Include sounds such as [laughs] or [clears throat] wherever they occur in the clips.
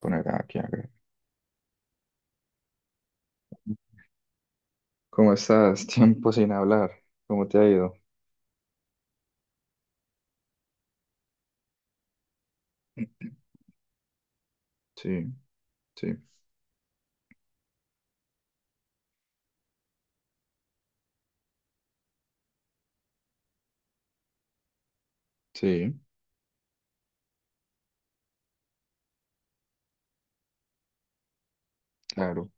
Poner aquí a. ¿Cómo estás? Tiempo sin hablar. ¿Cómo te ha ido? Sí, sí, sí, claro.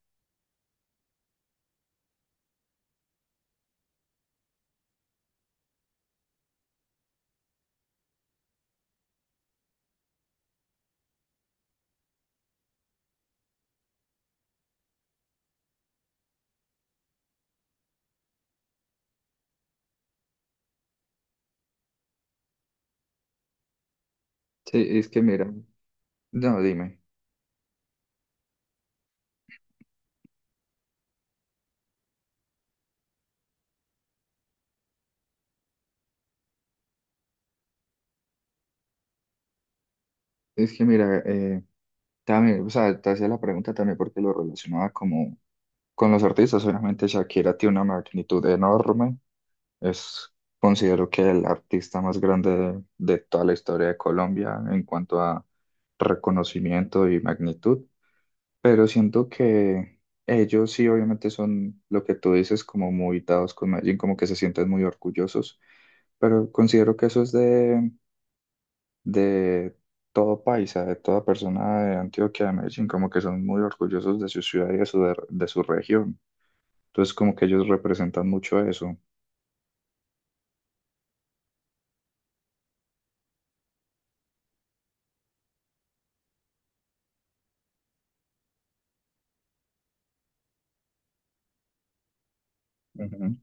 Sí, es que mira, no, dime. Es que mira, también, o sea, te hacía la pregunta también porque lo relacionaba como con los artistas. Obviamente Shakira tiene una magnitud enorme. Es, Considero que el artista más grande de toda la historia de Colombia en cuanto a reconocimiento y magnitud. Pero siento que ellos sí, obviamente son lo que tú dices, como muy dados con Medellín, como que se sienten muy orgullosos, pero considero que eso es de todo paisa, de toda persona de Antioquia, de Medellín, como que son muy orgullosos de su ciudad y de su región. Entonces, como que ellos representan mucho eso. Ujú.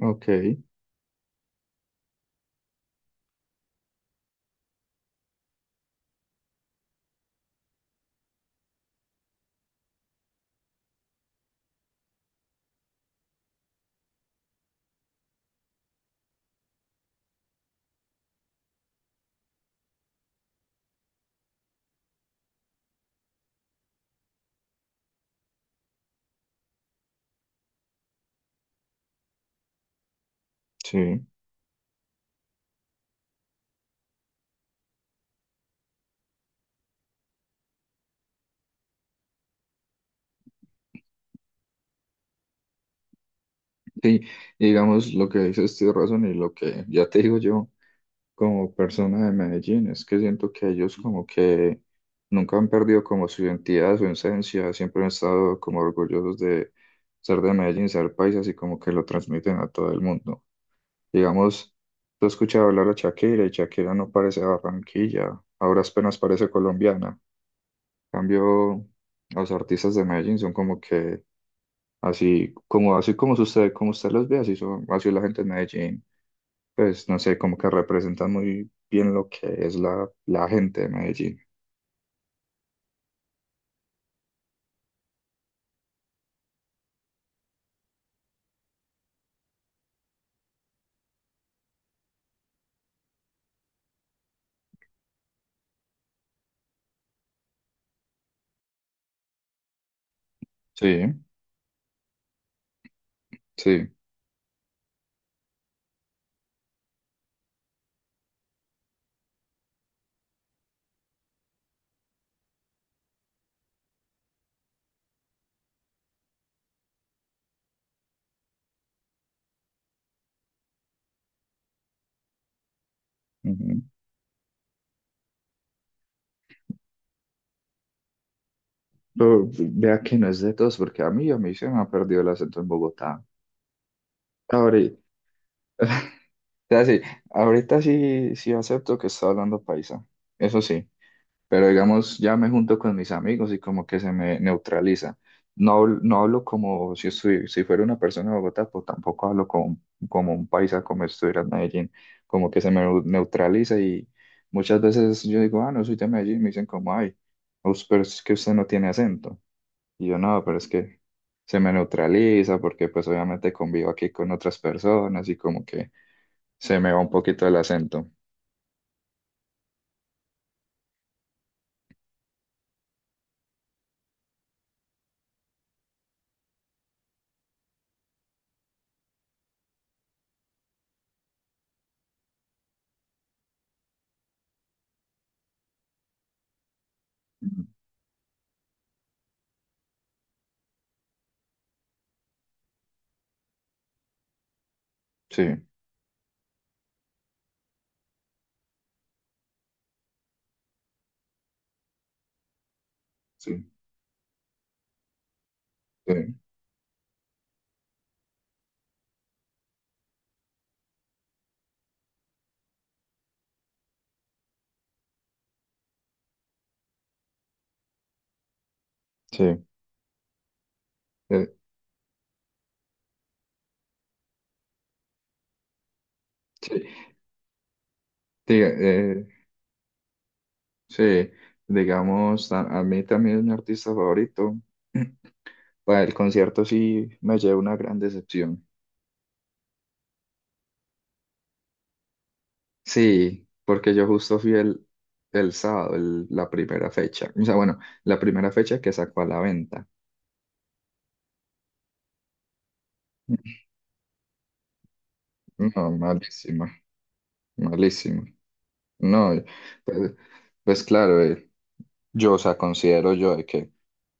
Ok, sí. Sí, y digamos lo que dices, tienes razón, y lo que ya te digo yo. Como persona de Medellín, es que siento que ellos como que nunca han perdido como su identidad, su esencia, siempre han estado como orgullosos de ser de Medellín, ser paisas y como que lo transmiten a todo el mundo. Digamos, tú has escuchado hablar a Shakira y Shakira no parece de Barranquilla, ahora apenas parece colombiana. En cambio, los artistas de Medellín son como que así como usted los ve, así son, así es la gente de Medellín, pues no sé, como que representan muy bien lo que es la, la gente de Medellín. Sí, sí. Ujú. Pero vea que no es de todos, porque a mí se me ha perdido el acento en Bogotá. Ahorita, [laughs] o sea, sí, ahorita sí, acepto que está hablando paisa. Eso sí. Pero digamos, ya me junto con mis amigos y como que se me neutraliza. No, no hablo como si, si fuera una persona de Bogotá, pues tampoco hablo como un paisa, como si estuviera en Medellín, como que se me neutraliza y muchas veces yo digo, ah, no soy de Medellín, me dicen como, ay, pero es que usted no tiene acento. Y yo no, pero es que se me neutraliza porque pues obviamente convivo aquí con otras personas y como que se me va un poquito el acento. Ujú. Sí, sí, sí, sí. eh, sí. Sí, sí, digamos, a mí también es mi artista favorito. [clears throat] Para el concierto sí me llevé una gran decepción. Sí, porque yo justo fui el sábado, la primera fecha. O sea, bueno, la primera fecha que sacó a la venta. [laughs] No, malísima, malísima. No, pues, pues claro, yo, o sea, considero yo de que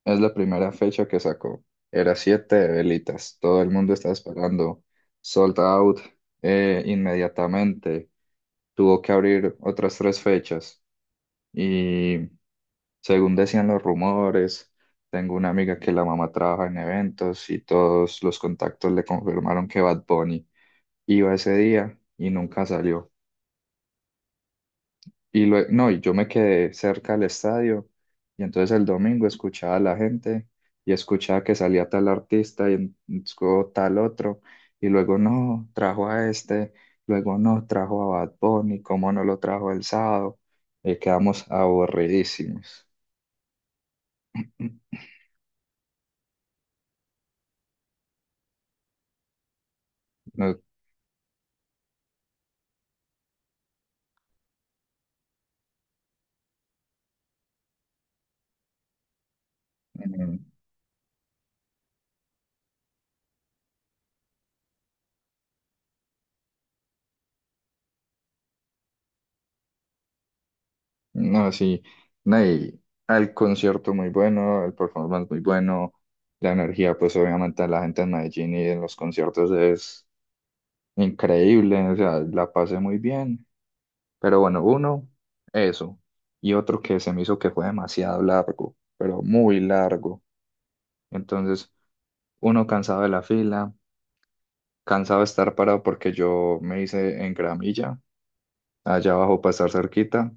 es la primera fecha que sacó. Era siete de velitas. Todo el mundo estaba esperando. Sold out inmediatamente. Tuvo que abrir otras tres fechas. Y según decían los rumores, tengo una amiga que la mamá trabaja en eventos y todos los contactos le confirmaron que Bad Bunny iba ese día y nunca salió. No, y yo me quedé cerca del estadio y entonces el domingo escuchaba a la gente y escuchaba que salía tal artista y luego tal otro y luego no, trajo a este, luego no, trajo a Bad Bunny, cómo no lo trajo el sábado. Quedamos aburridísimos. No, mm, no, sí, no, y el concierto muy bueno, el performance muy bueno, la energía pues obviamente de la gente en Medellín y en los conciertos es increíble, o sea, la pasé muy bien, pero bueno, uno, eso, y otro que se me hizo que fue demasiado largo, pero muy largo. Entonces, uno cansado de la fila, cansado de estar parado porque yo me hice en gramilla, allá abajo para estar cerquita,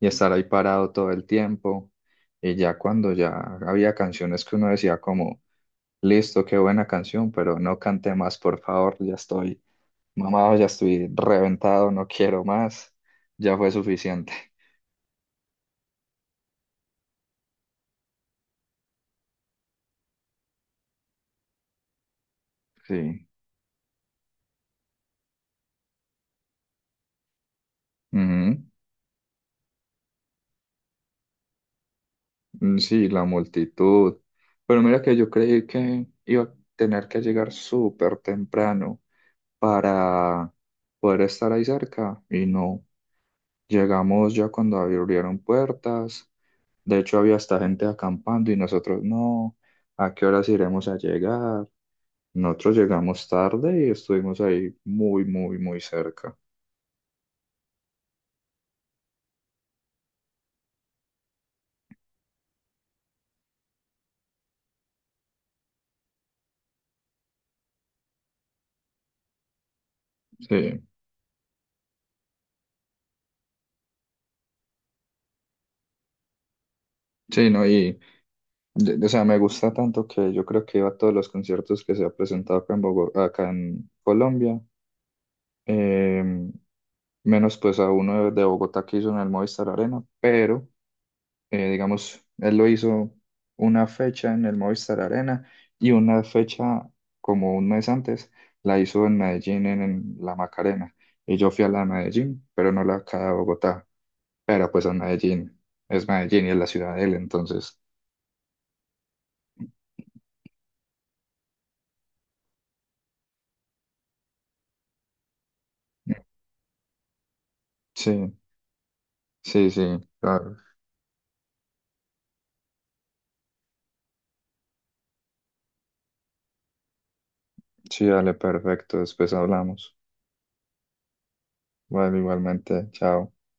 y estar ahí parado todo el tiempo. Y ya cuando ya había canciones que uno decía como, listo, qué buena canción, pero no cante más, por favor, ya estoy. Mamá, ya estoy reventado, no quiero más, ya fue suficiente. Sí, ujú, mm, sí, la multitud. Pero mira que yo creí que iba a tener que llegar súper temprano para poder estar ahí cerca y no. Llegamos ya cuando abrieron puertas. De hecho, había hasta gente acampando y nosotros no. ¿A qué horas iremos a llegar? Nosotros llegamos tarde y estuvimos ahí muy, muy, muy cerca. Sí, sí, no, y o sea, me gusta tanto que yo creo que iba a todos los conciertos que se ha presentado acá en Bogotá, acá en Colombia, eh, menos pues a uno de Bogotá que hizo en el Movistar Arena, pero digamos, él lo hizo una fecha en el Movistar Arena y una fecha como un mes antes la hizo en Medellín en la Macarena. Y yo fui a la de Medellín, pero no la acá de Bogotá, pero pues a Medellín, es Medellín y es la ciudad de él, entonces, sí, sí, sí. Claro. Sí, dale, perfecto. Después hablamos. Vale, igualmente. Chao.